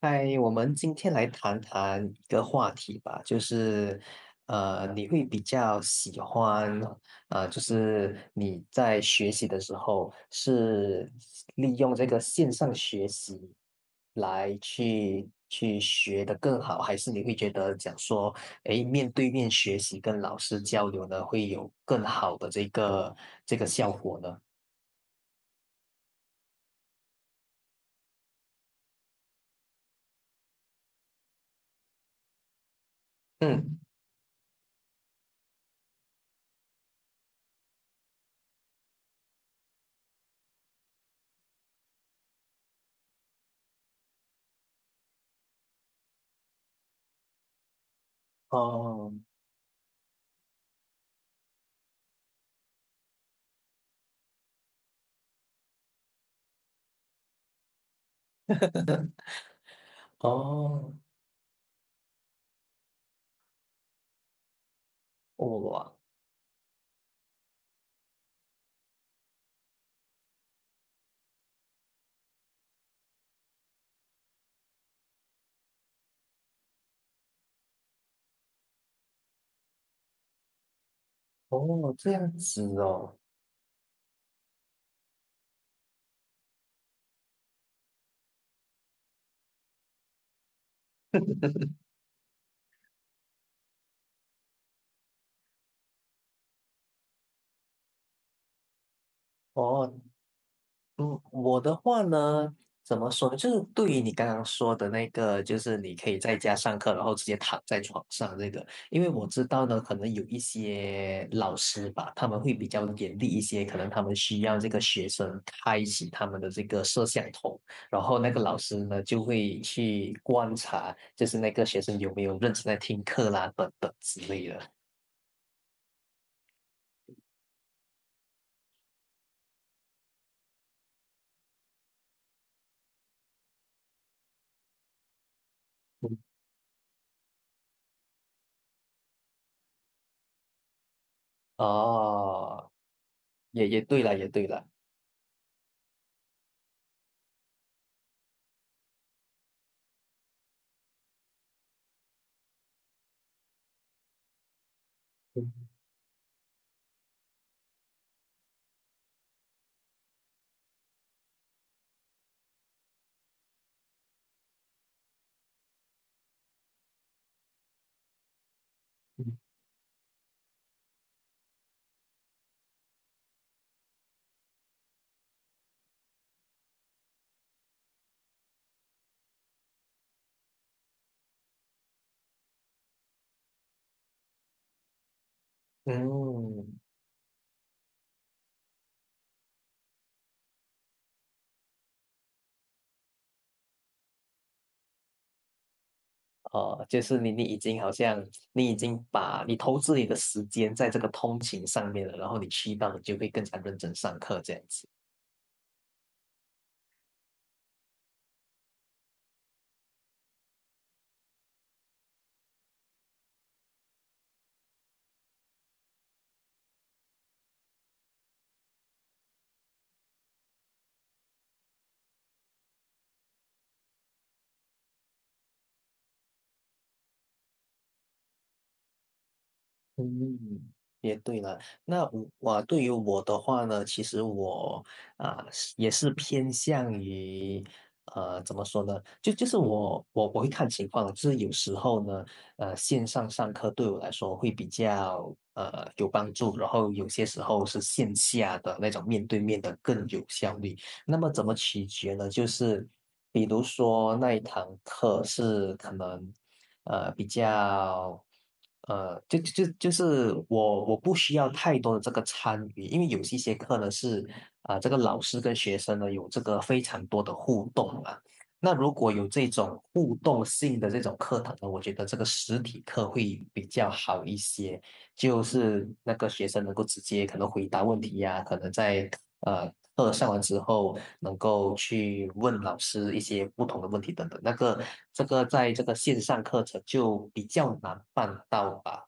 嗨，我们今天来谈谈一个话题吧，就是，你会比较喜欢，就是你在学习的时候是利用这个线上学习来去学得更好，还是你会觉得讲说，诶，面对面学习跟老师交流呢，会有更好的这个效果呢？嗯，哦，哦，哇，哦，这样子哦。哦，嗯，我的话呢，怎么说呢？就是对于你刚刚说的那个，就是你可以在家上课，然后直接躺在床上这个，因为我知道呢，可能有一些老师吧，他们会比较严厉一些，可能他们需要这个学生开启他们的这个摄像头，然后那个老师呢就会去观察，就是那个学生有没有认真在听课啦，等等之类的。嗯哦，也对了，也对了。嗯嗯。嗯哦，就是你已经好像你已经把你投资你的时间在这个通勤上面了，然后你去到你就会更加认真上课这样子。嗯，也对了。那我对于我的话呢，其实我是也是偏向于怎么说呢？就是我会看情况，就是有时候呢，线上上课对我来说会比较有帮助，然后有些时候是线下的那种面对面的更有效率。那么怎么取决呢？就是比如说那一堂课是可能比较就是我不需要太多的这个参与，因为有一些课呢是这个老师跟学生呢有这个非常多的互动啊。那如果有这种互动性的这种课堂呢，我觉得这个实体课会比较好一些。就是那个学生能够直接可能回答问题呀、可能在呃课上完之后能够去问老师一些不同的问题等等。那个这个在这个线上课程就比较难办到吧。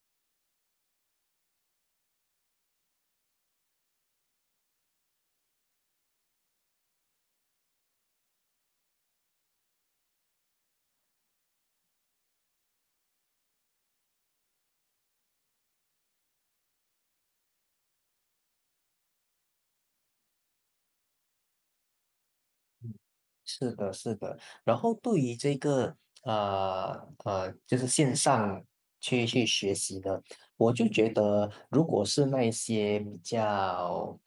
是的，是的。然后对于这个呃就是线上去学习的，我就觉得，如果是那一些比较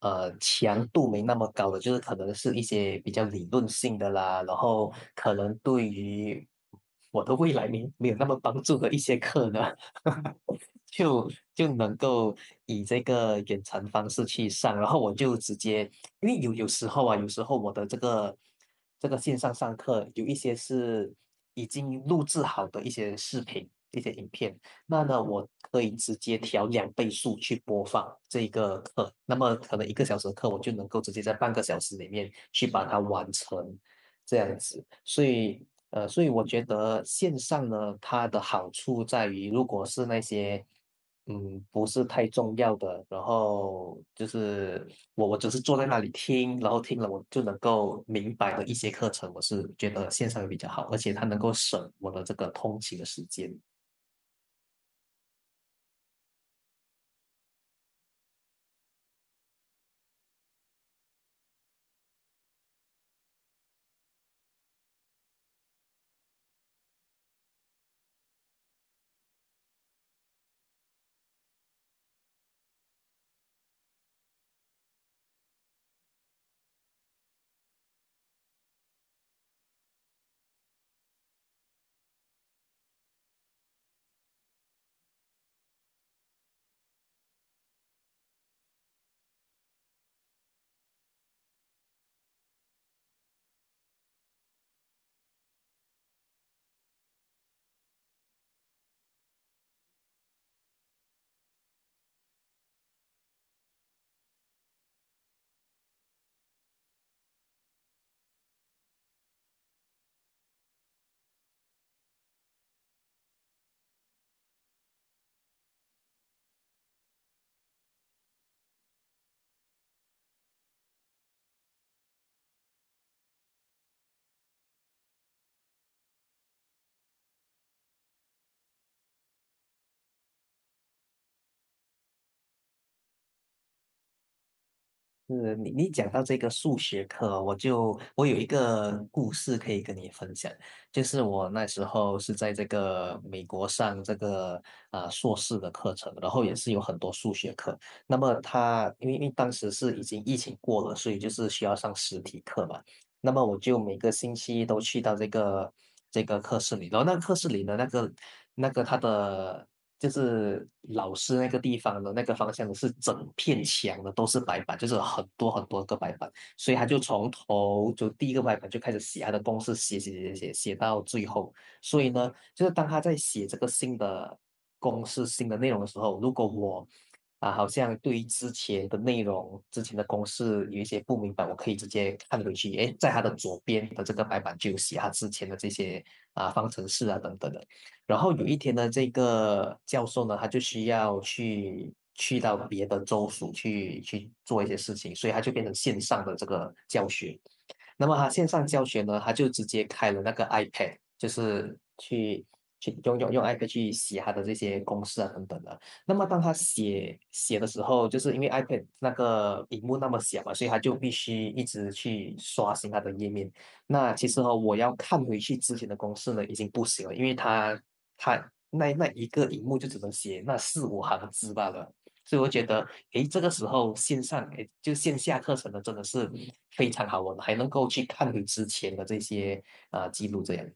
强度没那么高的，就是可能是一些比较理论性的啦，然后可能对于我的未来没有那么帮助的一些课呢，就能够以这个远程方式去上，然后我就直接因为有时候啊，有时候我的这个线上上课有一些是已经录制好的一些视频、一些影片，那呢，我可以直接调2倍速去播放这个课，那么可能1个小时的课，我就能够直接在半个小时里面去把它完成，这样子。所以，所以我觉得线上呢，它的好处在于，如果是那些不是太重要的，然后就是我只是坐在那里听，然后听了我就能够明白的一些课程，我是觉得线上比较好，而且它能够省我的这个通勤的时间。是你讲到这个数学课哦我有一个故事可以跟你分享，就是我那时候是在这个美国上这个硕士的课程，然后也是有很多数学课。那么他因为当时是已经疫情过了，所以就是需要上实体课嘛。那么我就每个星期都去到这个课室里，然后那个课室里的那个他的就是老师那个地方的那个方向是整片墙的都是白板，就是很多很多个白板，所以他就从头就第一个白板就开始写他的公式，写写写写写到最后，所以呢，就是当他在写这个新的公式、新的内容的时候，如果我好像对于之前的内容、之前的公式有一些不明白，我可以直接看回去。诶，在他的左边的这个白板就有写他之前的这些方程式啊等等的。然后有一天呢，这个教授呢，他就需要去到别的州属去做一些事情，所以他就变成线上的这个教学。那么他线上教学呢，他就直接开了那个 iPad,就是去用 iPad 去写他的这些公式啊等等的。那么当他写写的时候，就是因为 iPad 那个屏幕那么小嘛，所以他就必须一直去刷新他的页面。那其实哦，我要看回去之前的公式呢，已经不行了，因为他那一个荧幕就只能写那四五行字罢了。所以我觉得，诶，这个时候线上，诶，就线下课程呢，真的是非常好玩，还能够去看你之前的这些记录，这样。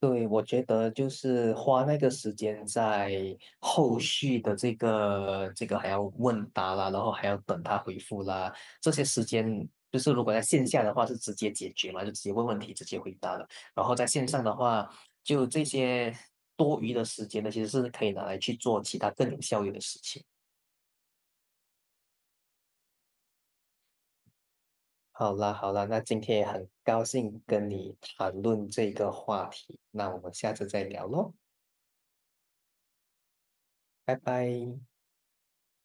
对，我觉得就是花那个时间在后续的这个还要问答啦，然后还要等他回复啦，这些时间就是如果在线下的话是直接解决嘛，就直接问问题，直接回答了。然后在线上的话，就这些多余的时间呢，其实是可以拿来去做其他更有效率的事情。好啦好啦，那今天也很高兴跟你谈论这个话题，那我们下次再聊喽，拜拜。